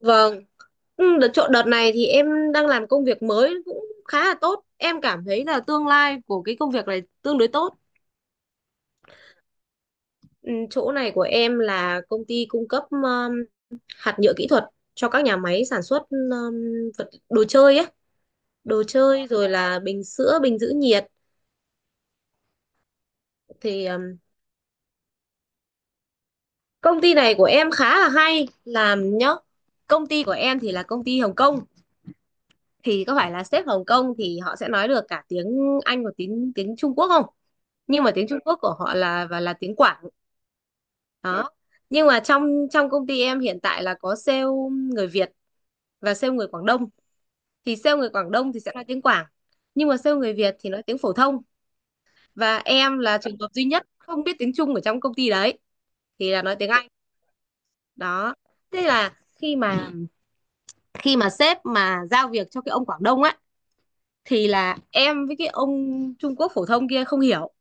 Vâng. Ừ, đợt chỗ đợt này thì em đang làm công việc mới cũng khá là tốt. Em cảm thấy là tương lai của cái công việc này tương đối tốt. Ừ, chỗ này của em là công ty cung cấp hạt nhựa kỹ thuật cho các nhà máy sản xuất vật đồ chơi ấy, đồ chơi rồi là bình sữa, bình giữ nhiệt. Thì công ty này của em khá là hay làm nhá. Công ty của em thì là công ty Hồng Kông, thì có phải là sếp Hồng Kông thì họ sẽ nói được cả tiếng Anh và tiếng tiếng Trung Quốc không? Nhưng mà tiếng Trung Quốc của họ là tiếng Quảng đó, nhưng mà trong trong công ty em hiện tại là có sale người Việt và sale người Quảng Đông, thì sale người Quảng Đông thì sẽ nói tiếng Quảng, nhưng mà sale người Việt thì nói tiếng phổ thông, và em là trường hợp duy nhất không biết tiếng Trung ở trong công ty đấy thì là nói tiếng Anh đó. Thế là khi mà sếp mà giao việc cho cái ông Quảng Đông á, thì là em với cái ông Trung Quốc phổ thông kia không hiểu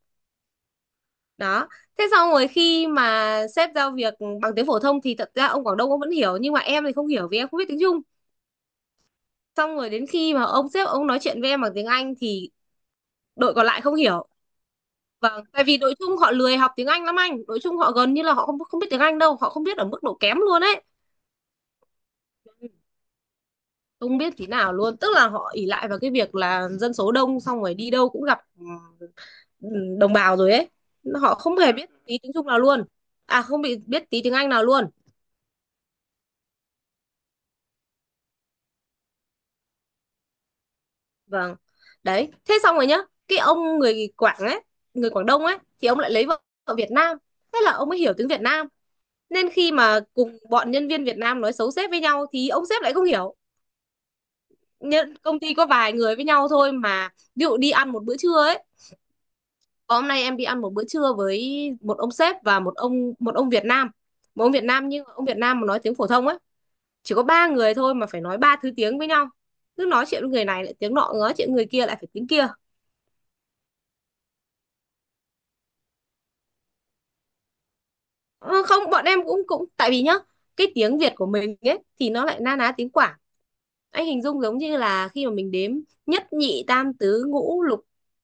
đó. Thế xong rồi khi mà sếp giao việc bằng tiếng phổ thông thì thật ra ông Quảng Đông ông vẫn hiểu, nhưng mà em thì không hiểu vì em không biết tiếng Trung. Xong rồi đến khi mà ông sếp ông nói chuyện với em bằng tiếng Anh thì đội còn lại không hiểu. Vâng, tại vì đội Trung họ lười học tiếng Anh lắm anh, đội Trung họ gần như là họ không không biết tiếng Anh đâu, họ không biết ở mức độ kém luôn ấy, không biết tí nào luôn, tức là họ ỷ lại vào cái việc là dân số đông, xong rồi đi đâu cũng gặp ừ, đồng bào rồi ấy, họ không hề biết tí tiếng Trung nào luôn, à không bị biết tí tiếng Anh nào luôn. Vâng. Đấy, thế xong rồi nhá, cái ông người Quảng ấy, người Quảng Đông ấy thì ông lại lấy vợ ở Việt Nam. Thế là ông mới hiểu tiếng Việt Nam. Nên khi mà cùng bọn nhân viên Việt Nam nói xấu sếp với nhau thì ông sếp lại không hiểu. Nhân công ty có vài người với nhau thôi mà, ví dụ đi ăn một bữa trưa ấy, "Ờ, hôm nay em đi ăn một bữa trưa với một ông sếp và một ông Việt Nam. Một ông Việt Nam nhưng ông Việt Nam mà nói tiếng phổ thông ấy, chỉ có ba người thôi mà phải nói ba thứ tiếng với nhau. Cứ nói chuyện với người này lại tiếng nọ, nói chuyện người kia lại phải tiếng kia. Ờ, không bọn em cũng cũng tại vì nhá, cái tiếng Việt của mình ấy thì nó lại na ná tiếng Quảng, anh hình dung giống như là khi mà mình đếm nhất nhị tam tứ ngũ lục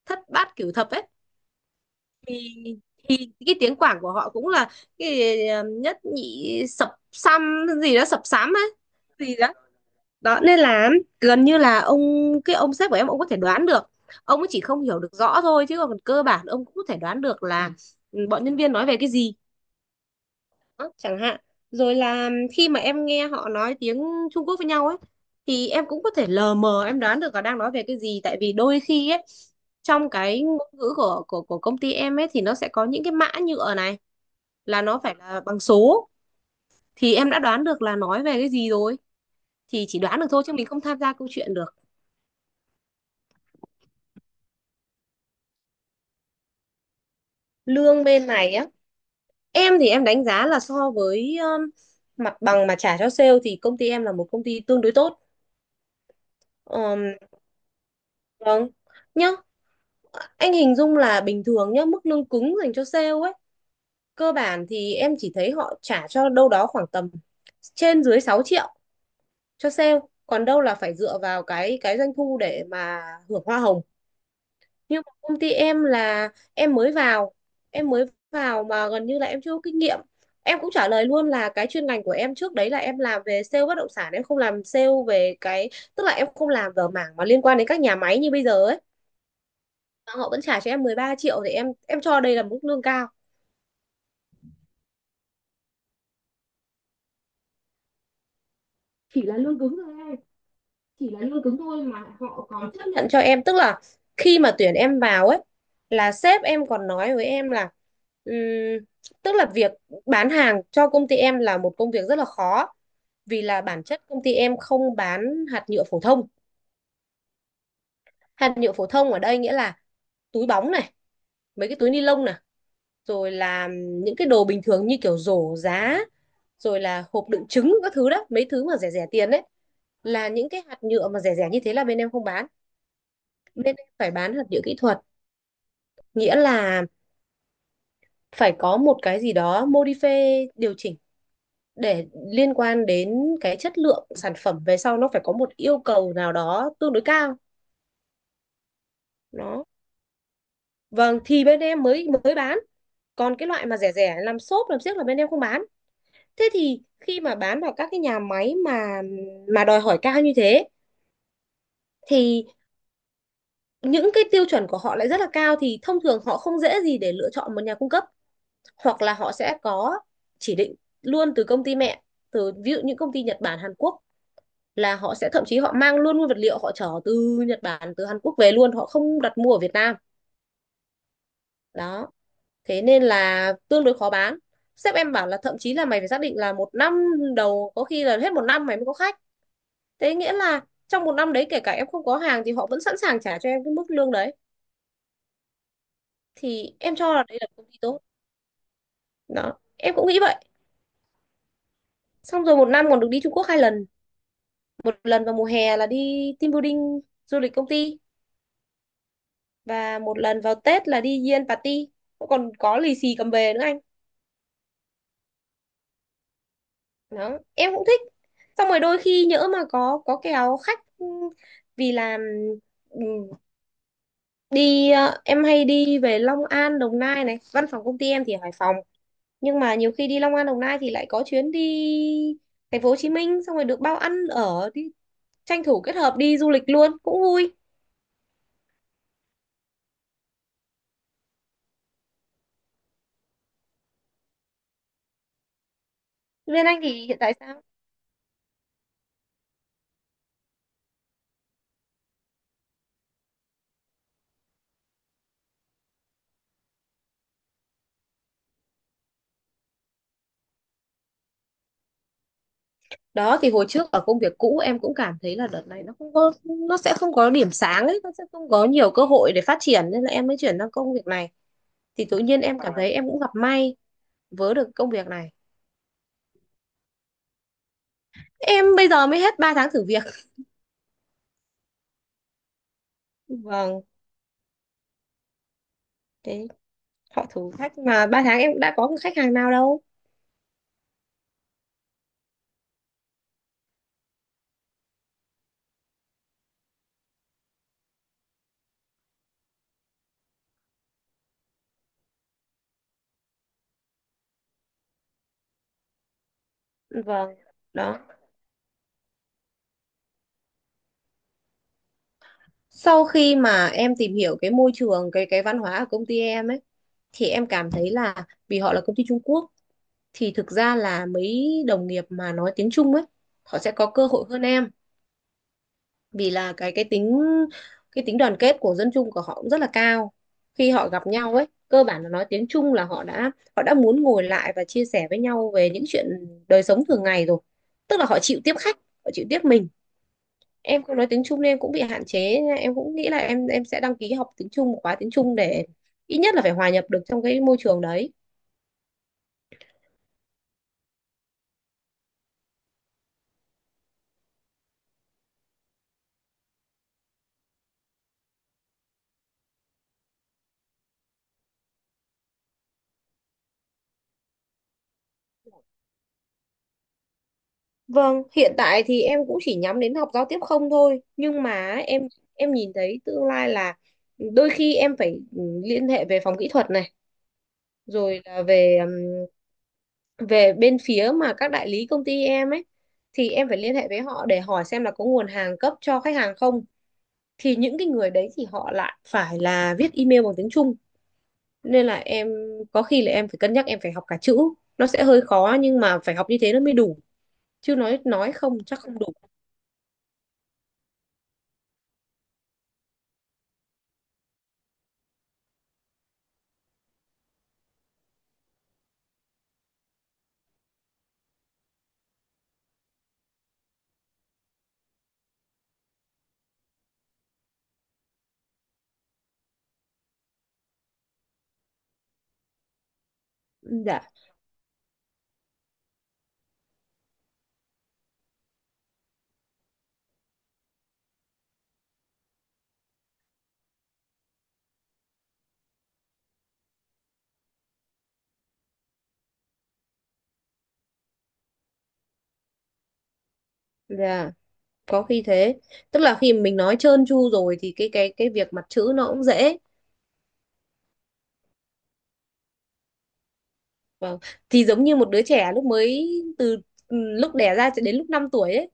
thất bát cửu thập ấy, cái tiếng Quảng của họ cũng là cái nhất nhị sập xăm gì đó, sập sám ấy gì đó đó. Nên là gần như là ông cái ông sếp của em ông có thể đoán được, ông ấy chỉ không hiểu được rõ thôi chứ còn cơ bản ông cũng có thể đoán được là bọn nhân viên nói về cái gì đó, chẳng hạn. Rồi là khi mà em nghe họ nói tiếng Trung Quốc với nhau ấy thì em cũng có thể lờ mờ em đoán được họ đang nói về cái gì, tại vì đôi khi ấy trong cái ngôn ngữ của công ty em ấy thì nó sẽ có những cái mã nhựa này, là nó phải là bằng số, thì em đã đoán được là nói về cái gì rồi. Thì chỉ đoán được thôi chứ mình không tham gia câu chuyện được. Lương bên này á, em thì em đánh giá là so với mặt bằng mà trả cho sale thì công ty em là một công ty tương đối tốt. Ờm, vâng nhá, anh hình dung là bình thường nhá, mức lương cứng dành cho sale ấy, cơ bản thì em chỉ thấy họ trả cho đâu đó khoảng tầm trên dưới 6 triệu cho sale, còn đâu là phải dựa vào cái doanh thu để mà hưởng hoa hồng. Nhưng mà công ty em là, em mới vào, em mới vào mà gần như là em chưa có kinh nghiệm, em cũng trả lời luôn là cái chuyên ngành của em trước đấy là em làm về sale bất động sản, em không làm sale về cái, tức là em không làm ở mảng mà liên quan đến các nhà máy như bây giờ ấy. Mà họ vẫn trả cho em 13 triệu thì em cho đây là mức lương cao. Chỉ là lương cứng thôi em, chỉ là lương cứng thôi, mà họ còn chấp nhận cho em, tức là khi mà tuyển em vào ấy, là sếp em còn nói với em là, ừm, tức là việc bán hàng cho công ty em là một công việc rất là khó, vì là bản chất công ty em không bán hạt nhựa phổ thông. Hạt nhựa phổ thông ở đây nghĩa là túi bóng này, mấy cái túi ni lông này, rồi là những cái đồ bình thường như kiểu rổ giá, rồi là hộp đựng trứng các thứ đó, mấy thứ mà rẻ rẻ tiền đấy, là những cái hạt nhựa mà rẻ rẻ như thế là bên em không bán. Bên em phải bán hạt nhựa kỹ thuật, nghĩa là phải có một cái gì đó modify điều chỉnh, để liên quan đến cái chất lượng sản phẩm về sau, nó phải có một yêu cầu nào đó tương đối cao đó, vâng thì bên em mới mới bán. Còn cái loại mà rẻ rẻ làm xốp làm xiếc là bên em không bán. Thế thì khi mà bán vào các cái nhà máy mà đòi hỏi cao như thế, thì những cái tiêu chuẩn của họ lại rất là cao, thì thông thường họ không dễ gì để lựa chọn một nhà cung cấp, hoặc là họ sẽ có chỉ định luôn từ công ty mẹ, từ ví dụ những công ty Nhật Bản Hàn Quốc, là họ sẽ thậm chí họ mang luôn nguyên vật liệu, họ chở từ Nhật Bản từ Hàn Quốc về luôn, họ không đặt mua ở Việt Nam đó. Thế nên là tương đối khó bán. Sếp em bảo là thậm chí là mày phải xác định là một năm đầu, có khi là hết một năm mày mới có khách, thế nghĩa là trong một năm đấy kể cả em không có hàng thì họ vẫn sẵn sàng trả cho em cái mức lương đấy, thì em cho là đây là công ty tốt đó, em cũng nghĩ vậy. Xong rồi một năm còn được đi Trung Quốc hai lần, một lần vào mùa hè là đi team building du lịch công ty, và một lần vào Tết là đi Yen party, còn có lì xì cầm về nữa anh đó, em cũng thích. Xong rồi đôi khi nhỡ mà có kèo khách, vì là, ừ, em hay đi về Long An Đồng Nai này, văn phòng công ty em thì ở Hải Phòng, nhưng mà nhiều khi đi Long An Đồng Nai thì lại có chuyến đi thành phố Hồ Chí Minh, xong rồi được bao ăn ở đi, tranh thủ kết hợp đi du lịch luôn cũng vui. Bên anh thì hiện tại sao? Đó thì hồi trước ở công việc cũ em cũng cảm thấy là đợt này nó không có, nó sẽ không có điểm sáng ấy, nó sẽ không có nhiều cơ hội để phát triển, nên là em mới chuyển sang công việc này. Thì tự nhiên em cảm thấy em cũng gặp may với được công việc này. Em bây giờ mới hết 3 tháng thử việc. Vâng, thế họ thử thách mà, 3 tháng em đã có cái khách hàng nào đâu. Vâng đó, sau khi mà em tìm hiểu cái môi trường cái văn hóa ở công ty em ấy, thì em cảm thấy là vì họ là công ty Trung Quốc, thì thực ra là mấy đồng nghiệp mà nói tiếng Trung ấy, họ sẽ có cơ hội hơn em, vì là cái tính đoàn kết của dân Trung của họ cũng rất là cao. Khi họ gặp nhau ấy cơ bản là nói tiếng Trung là họ đã, họ đã muốn ngồi lại và chia sẻ với nhau về những chuyện đời sống thường ngày rồi, tức là họ chịu tiếp khách, họ chịu tiếp mình. Em không nói tiếng Trung nên em cũng bị hạn chế nha. Em cũng nghĩ là em sẽ đăng ký học tiếng Trung một khóa tiếng Trung để ít nhất là phải hòa nhập được trong cái môi trường đấy. Vâng, hiện tại thì em cũng chỉ nhắm đến học giao tiếp không thôi, nhưng mà em nhìn thấy tương lai là đôi khi em phải liên hệ về phòng kỹ thuật này, rồi là về về bên phía mà các đại lý công ty em ấy, thì em phải liên hệ với họ để hỏi xem là có nguồn hàng cấp cho khách hàng không. Thì những cái người đấy thì họ lại phải là viết email bằng tiếng Trung, nên là em có khi là em phải cân nhắc em phải học cả chữ, nó sẽ hơi khó nhưng mà phải học như thế nó mới đủ, chứ nói không chắc không đủ. Dạ, dạ, có khi thế, tức là khi mình nói trơn tru rồi thì cái việc mặt chữ nó cũng dễ. Vâng, thì giống như một đứa trẻ lúc mới từ, lúc đẻ ra cho đến lúc 5 tuổi ấy,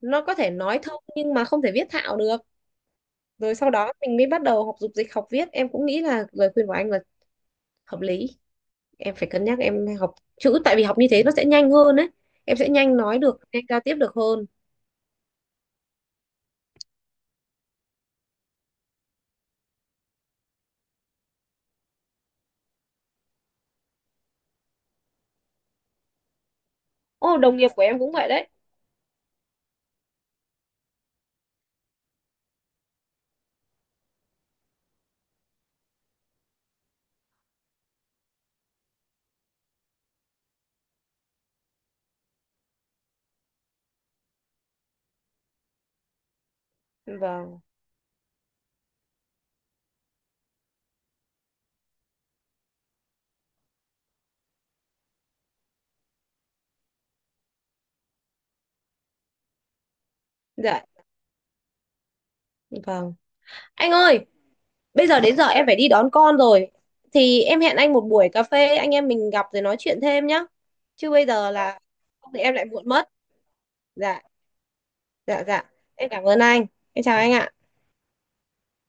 nó có thể nói thông nhưng mà không thể viết thạo được. Rồi sau đó mình mới bắt đầu học dục dịch học viết, em cũng nghĩ là lời khuyên của anh là hợp lý. Em phải cân nhắc em học chữ, tại vì học như thế nó sẽ nhanh hơn ấy, em sẽ nhanh nói được, nhanh giao tiếp được hơn. Ô, đồng nghiệp của em cũng vậy đấy. Vâng. Dạ, vâng. Anh ơi, bây giờ đến giờ em phải đi đón con rồi, thì em hẹn anh một buổi cà phê, anh em mình gặp rồi nói chuyện thêm nhá, chứ bây giờ là, không thì em lại muộn mất. Dạ, dạ, dạ, em cảm ơn anh, em chào anh ạ.